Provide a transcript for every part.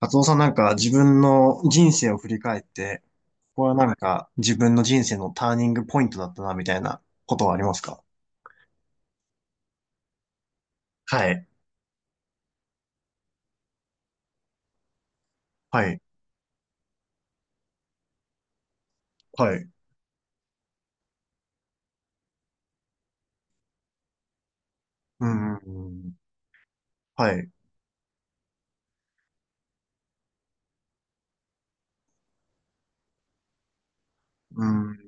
カツオさんなんか自分の人生を振り返って、ここはなんか自分の人生のターニングポイントだったな、みたいなことはありますか？はい。はい、はい、うん、うんはい、うん。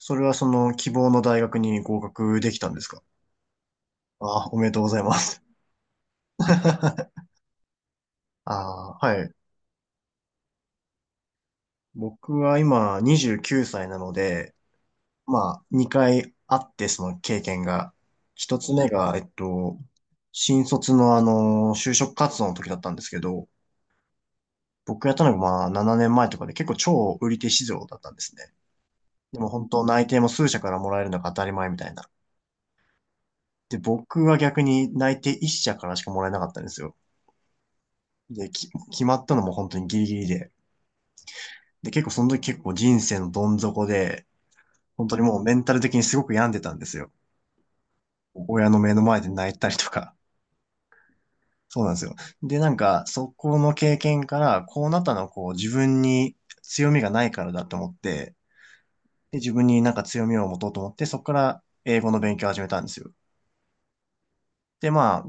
それはその希望の大学に合格できたんですか？あ、おめでとうございます。あ、はい。僕は今29歳なので、まあ、2回あって、その経験が。1つ目が、新卒の就職活動の時だったんですけど、僕やったのがまあ、7年前とかで結構超売り手市場だったんですね。でも本当内定も数社からもらえるのが当たり前みたいな。で、僕は逆に内定1社からしかもらえなかったんですよ。で、決まったのも本当にギリギリで。で、結構その時結構人生のどん底で、本当にもうメンタル的にすごく病んでたんですよ。親の目の前で泣いたりとか。そうなんですよ。で、なんか、そこの経験から、こうなったのはこう自分に強みがないからだと思って、で、自分になんか強みを持とうと思って、そこから英語の勉強を始めたんですよ。で、まあ、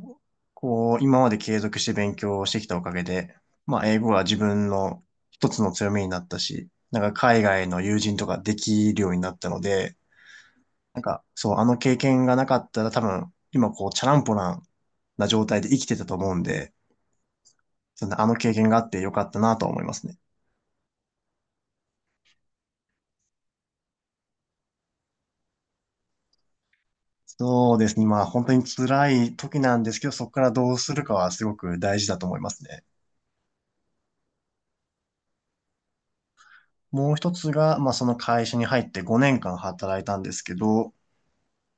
こう、今まで継続して勉強をしてきたおかげで、まあ、英語は自分の一つの強みになったし、なんか海外の友人とかできるようになったので、なんか、そう、あの経験がなかったら多分、今こう、チャランポランな状態で生きてたと思うんで、そんなあの経験があってよかったなと思いますね。そうですね。まあ本当に辛い時なんですけど、そこからどうするかはすごく大事だと思いますね。もう一つが、まあその会社に入って5年間働いたんですけど、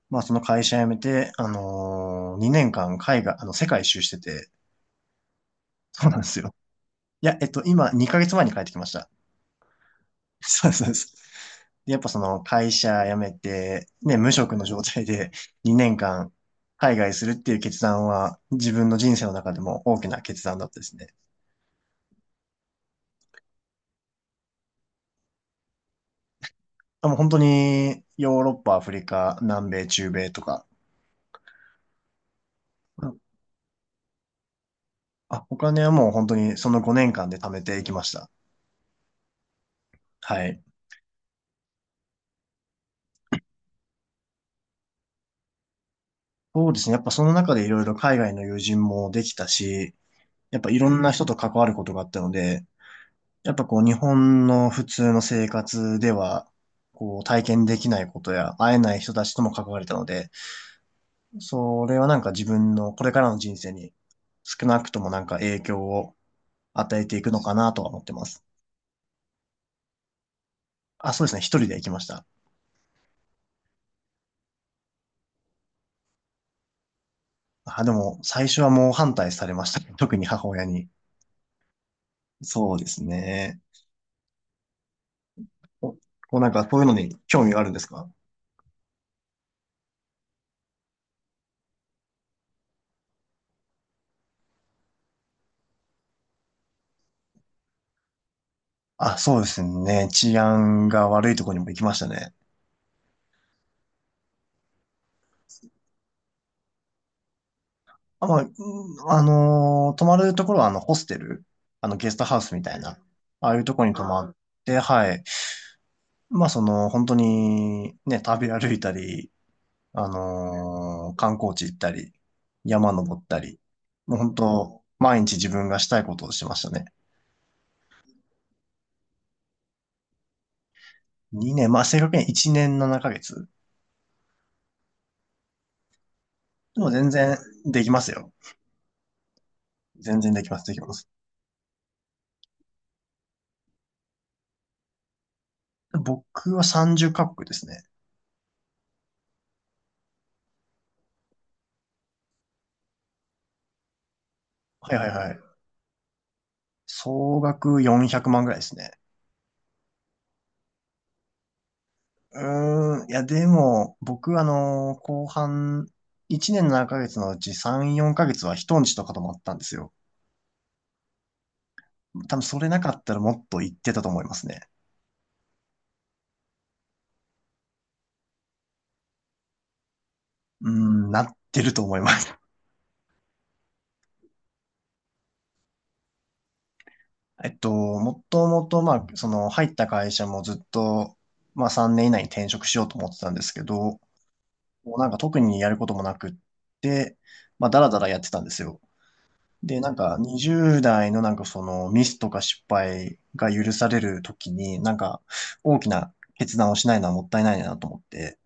まあその会社辞めて、2年間海外、世界一周してて、そうなんですよ。いや、今2ヶ月前に帰ってきました。そうです、そうです。でやっぱその会社辞めて、ね、無職の状態で2年間海外するっていう決断は自分の人生の中でも大きな決断だったですね。あ、もう本当にヨーロッパ、アフリカ、南米、中米とか。うん。あ、お金はもう本当にその5年間で貯めていきました。はい。そうですね。やっぱその中でいろいろ海外の友人もできたし、やっぱいろんな人と関わることがあったので、やっぱこう日本の普通の生活では、こう体験できないことや会えない人たちとも関われたので、それはなんか自分のこれからの人生に少なくともなんか影響を与えていくのかなとは思ってます。あ、そうですね。一人で行きました。あ、でも、最初はもう反対されましたね。特に母親に。そうですね。おこうなんか、そういうのに興味があるんですか？あ、そうですね。治安が悪いところにも行きましたね。あ、まあ、うん、泊まるところは、ホステル、ゲストハウスみたいな、ああいうところに泊まって、はい。まあ、その、本当に、ね、旅歩いたり、観光地行ったり、山登ったり、もう本当、毎日自分がしたいことをしましたね。2年、まあ、正確には1年7ヶ月。でも全然できますよ。全然できます、できます。僕は30カ国ですね。はいはいはい。総額400万ぐらいですね。うーん、いや、でも、僕、後半、1年7ヶ月のうち3、4ヶ月は人んちとか泊まったんですよ。多分それなかったらもっと行ってたと思いますね。うーん、なってると思います。もともと、まあ、その、入った会社もずっと、まあ3年以内に転職しようと思ってたんですけど、もうなんか特にやることもなくって、まあ、だらだらやってたんですよ。で、なんか20代のなんかそのミスとか失敗が許される時に、なんか大きな決断をしないのはもったいないなと思って、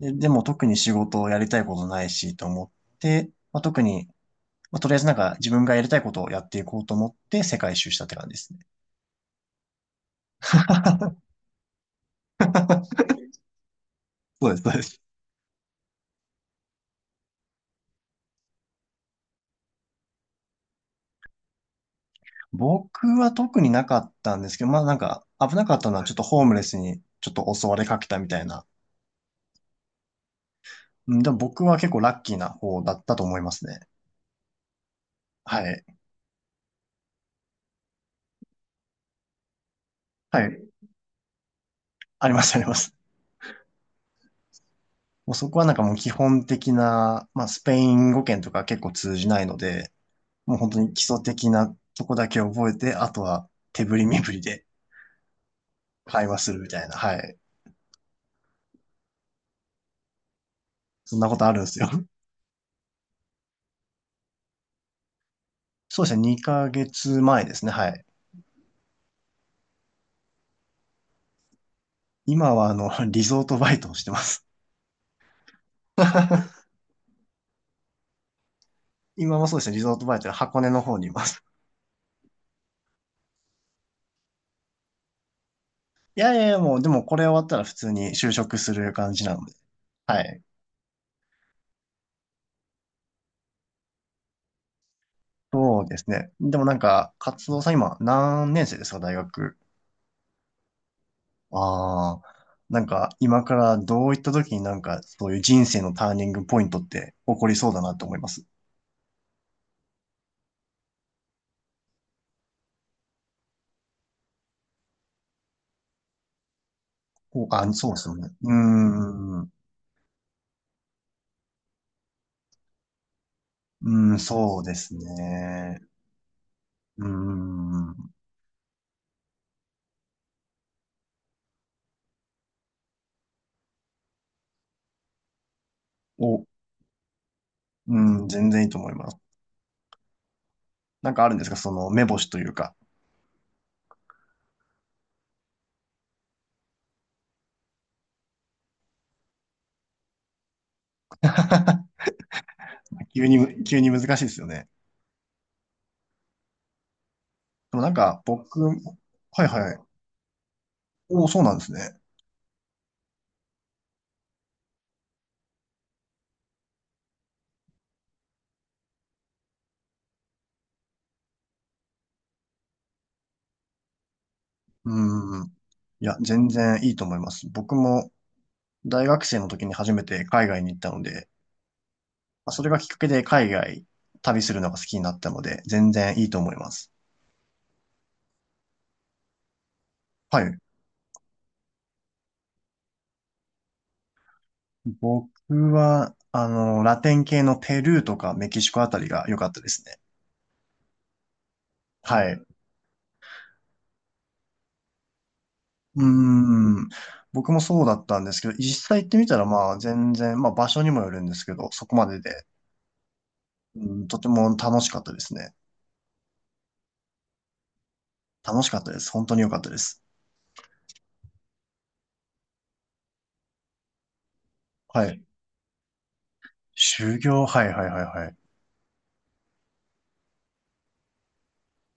で、でも特に仕事をやりたいことないしと思って、まあ、特に、まあ、とりあえずなんか自分がやりたいことをやっていこうと思って世界一周したって感じですね。そうです、そうです。僕は特になかったんですけど、まあなんか危なかったのはちょっとホームレスにちょっと襲われかけたみたいな。うん。でも僕は結構ラッキーな方だったと思いますね。はい。はい。あります、あります。もうそこはなんかもう基本的な、まあスペイン語圏とか結構通じないので、もう本当に基礎的なとこだけ覚えて、あとは手振り身振りで会話するみたいな。はい。そんなことあるんですよ。そうですね。2ヶ月前ですね。はい。今はリゾートバイトをしてます。今もそうですね。リゾートバイトで箱根の方にいます。いやいやいや、もうでもこれ終わったら普通に就職する感じなので。はい。そうですね。でもなんか、活動さん今何年生ですか、大学。ああ、なんか今からどういった時になんかそういう人生のターニングポイントって起こりそうだなと思います。お、あ、そうですよね。うーん、うーん、そうですね。うーん、お、うーん、全然いいと思います。なんかあるんですか、その目星というか。急に、急に難しいですよね。でもなんか僕、はいはい。お、そうなんですね。うん。いや、全然いいと思います。僕も大学生の時に初めて海外に行ったので、まあそれがきっかけで海外旅するのが好きになったので、全然いいと思います。はい。僕は、ラテン系のペルーとかメキシコあたりが良かったですね。はい。うーん。僕もそうだったんですけど、実際行ってみたらまあ全然、まあ場所にもよるんですけど、そこまでで、うん、とても楽しかったですね。楽しかったです。本当に良かったです。はい。修行、はいはいはいはい。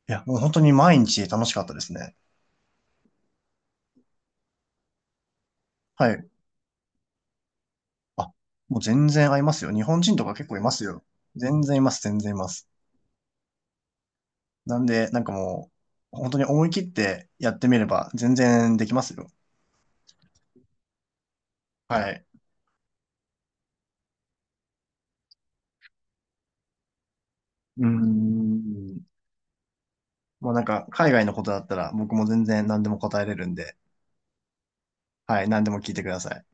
いや、もう本当に毎日楽しかったですね。はい。あ、もう全然合いますよ。日本人とか結構いますよ。全然います、全然います。なんで、なんかもう、本当に思い切ってやってみれば全然できますよ。はい。うーん。もうなんか、海外のことだったら僕も全然何でも答えれるんで、はい、何でも聞いてください。